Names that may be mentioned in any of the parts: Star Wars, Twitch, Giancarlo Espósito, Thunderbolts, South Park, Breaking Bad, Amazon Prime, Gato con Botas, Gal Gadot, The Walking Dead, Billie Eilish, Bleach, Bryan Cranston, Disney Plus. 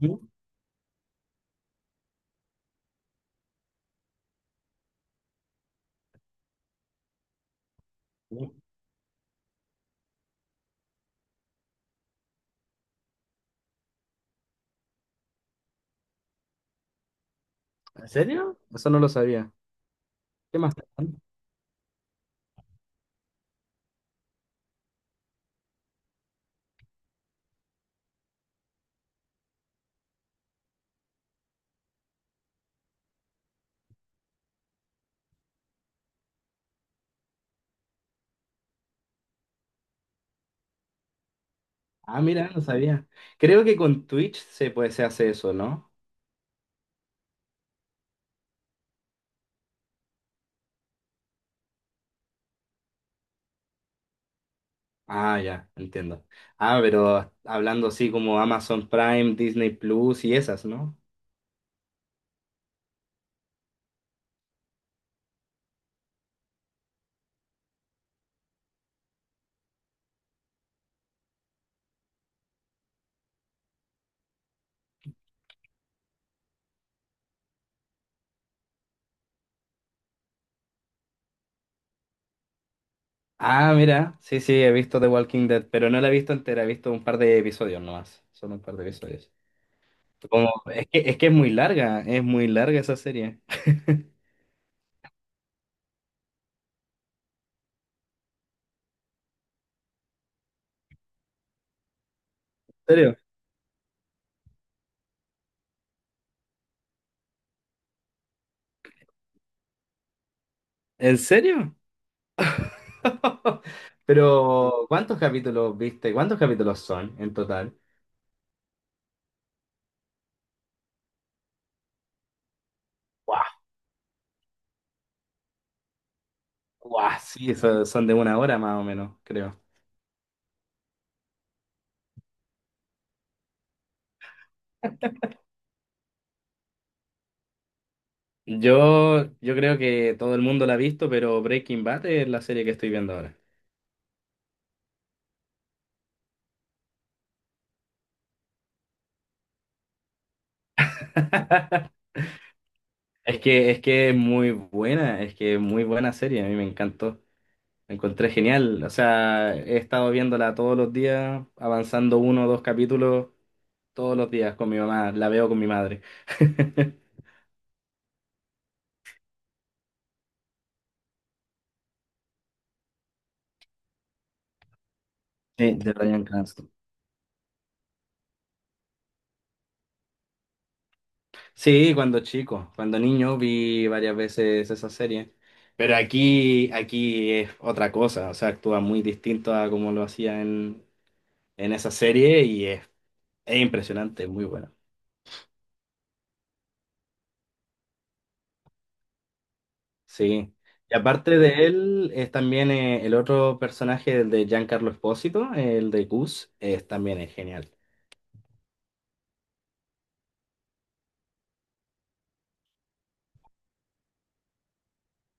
¿Sí? ¿En serio? Eso no lo sabía. ¿Qué más están? Ah, mira, no sabía. Creo que con Twitch se puede, se hace eso, ¿no? Ah, ya, entiendo. Ah, pero hablando así como Amazon Prime, Disney Plus y esas, ¿no? Ah, mira, sí, sí, he visto The Walking Dead, pero no la he visto entera, he visto un par de episodios nomás, solo un par de episodios. Como, es que es muy larga esa serie. ¿En serio? ¿En serio? Pero, ¿cuántos capítulos viste? ¿Cuántos capítulos son en total? Guau, guau, sí, eso son de una hora más o menos, creo. Yo creo que todo el mundo la ha visto, pero Breaking Bad es la serie que estoy viendo ahora. Es que es muy buena, es que es muy buena serie, a mí me encantó. La encontré genial, o sea, he estado viéndola todos los días, avanzando uno o dos capítulos todos los días con mi mamá, la veo con mi madre. Sí, de Bryan Cranston. Sí, cuando chico, cuando niño vi varias veces esa serie, pero aquí es otra cosa, o sea, actúa muy distinto a como lo hacía en esa serie y es impresionante, muy bueno. Sí. Y aparte de él, es también el otro personaje, el de Giancarlo Espósito, el de Gus, es, también es genial,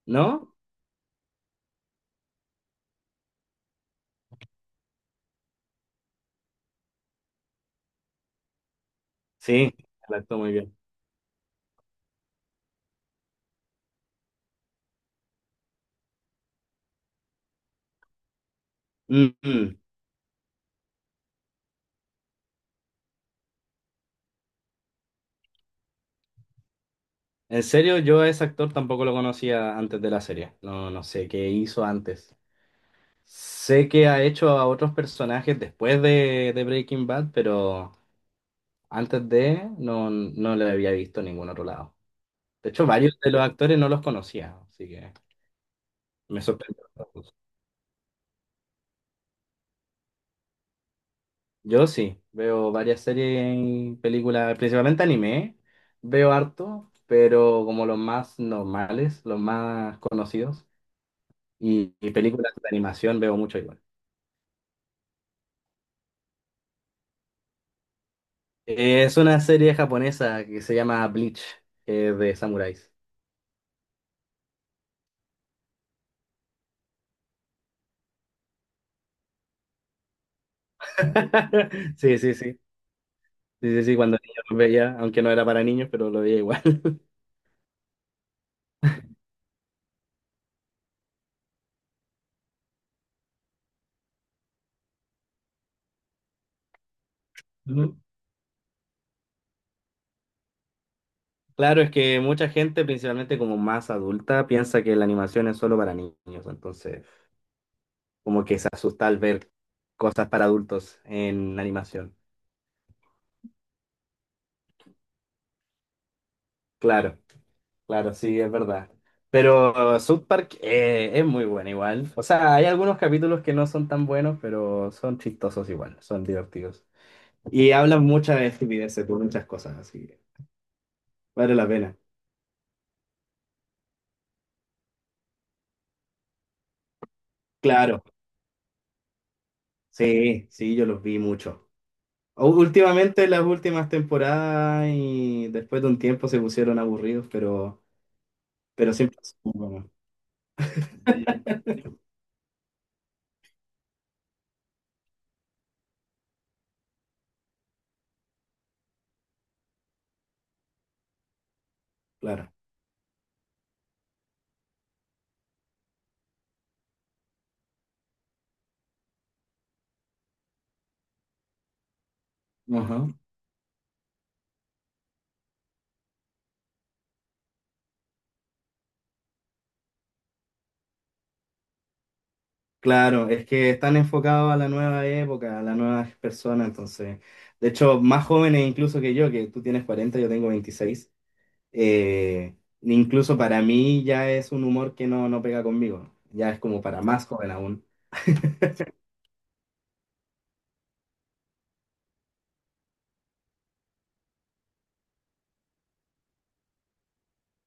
¿no? Sí, él actúa muy bien. Mm, mm. En serio, yo a ese actor tampoco lo conocía antes de la serie, no, no sé qué hizo antes. Sé que ha hecho a otros personajes después de Breaking Bad, pero antes de no, no le había visto en ningún otro lado. De hecho, varios de los actores no los conocía, así que me sorprendió. Yo sí, veo varias series y películas, principalmente anime, veo harto, pero como los más normales, los más conocidos, y películas de animación veo mucho igual. Es una serie japonesa que se llama Bleach, que es de samuráis. Sí, sí, sí. Sí, sí, sí, cuando niño lo veía, aunque no era para niños, pero lo veía igual. Ujú. Claro, es que mucha gente, principalmente como más adulta, piensa que la animación es solo para niños, entonces como que se asusta al ver cosas para adultos en animación. Claro, claro, sí, es verdad. Pero South Park es muy buena igual. O sea, hay algunos capítulos que no son tan buenos, pero son chistosos igual, son divertidos. Y hablan muchas estupideces, por muchas cosas, así que vale la pena. Claro. Sí, sí, yo los vi mucho. U- Últimamente, las últimas temporadas y después de un tiempo se pusieron aburridos, pero siempre son buenos, claro. Ajá. Claro, es que están enfocados a la nueva época, a las nuevas personas, entonces, de hecho, más jóvenes incluso que yo, que tú tienes 40, yo tengo 26, eh, incluso para mí ya es un humor que no, no pega conmigo, ya es como para más joven.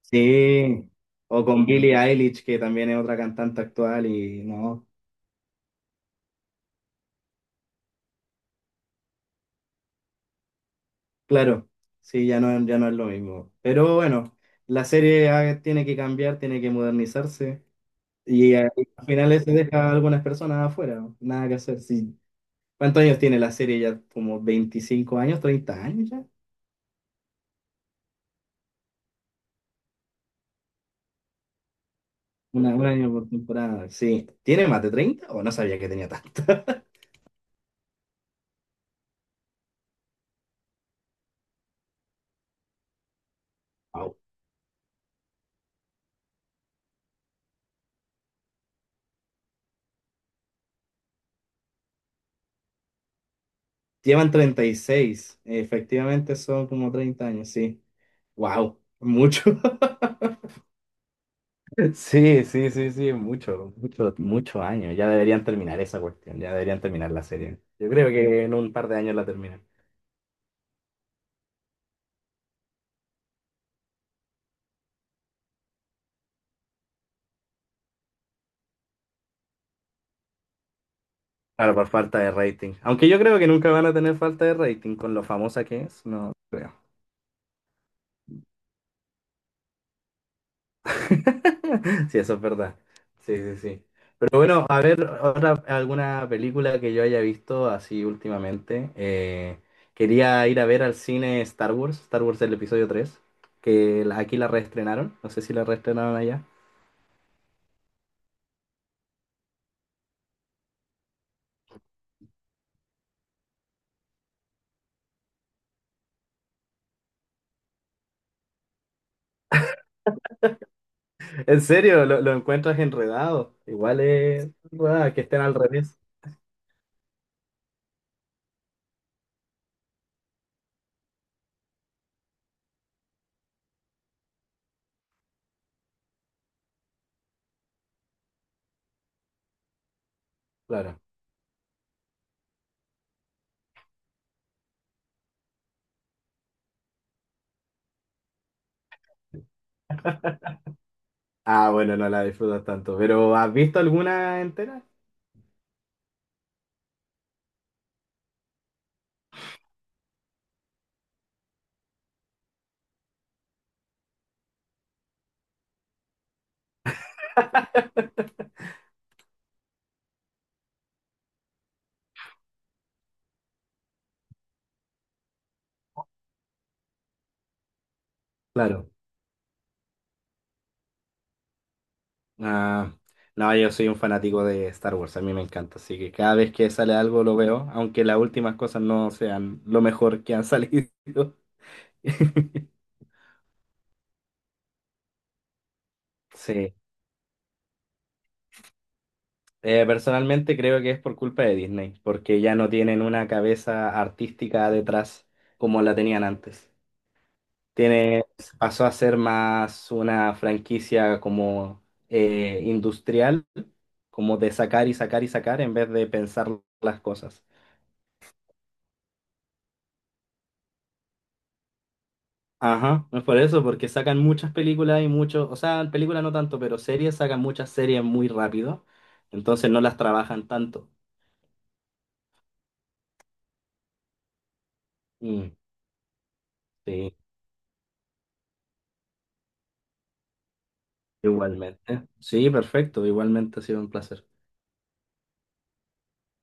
Sí, o con Billie Eilish, que también es otra cantante actual y no, claro, sí, ya no, ya no es lo mismo. Pero bueno, la serie tiene que cambiar, tiene que modernizarse y al final se deja a algunas personas afuera, nada que hacer. Sí. ¿Cuántos años tiene la serie ya? ¿Como 25 años, 30 años ya? Una, un año por temporada, sí. ¿Tiene más de 30? O no sabía que tenía tanto. Wow. Llevan 36, efectivamente son como 30 años, sí. Wow, mucho. Sí, sí, sí, sí, mucho, mucho, muchos años. Ya deberían terminar esa cuestión, ya deberían terminar la serie. Yo creo que en un par de años la terminan. Claro, por falta de rating. Aunque yo creo que nunca van a tener falta de rating con lo famosa que es, no creo. Sí, eso es verdad. Sí, sí, sí. Pero bueno, a ver, otra, alguna película que yo haya visto así últimamente. Quería ir a ver al cine Star Wars, Star Wars el episodio 3, que la- aquí la reestrenaron, no sé si la reestrenaron allá. En serio, lo encuentras enredado. Igual es enredada, que estén al revés. Claro. Ah, bueno, no la disfrutas tanto. ¿Pero has visto alguna entera? Claro. Ah, no, yo soy un fanático de Star Wars, a mí me encanta, así que cada vez que sale algo lo veo, aunque las últimas cosas no sean lo mejor que han salido. Sí. Personalmente creo que es por culpa de Disney, porque ya no tienen una cabeza artística detrás como la tenían antes. Tiene, pasó a ser más una franquicia como industrial, como de sacar y sacar y sacar en vez de pensar las cosas. Ajá, es por eso, porque sacan muchas películas y muchos, o sea, películas no tanto, pero series, sacan muchas series muy rápido, entonces no las trabajan tanto. Mm, sí, igualmente. Sí, perfecto, igualmente ha sido un placer.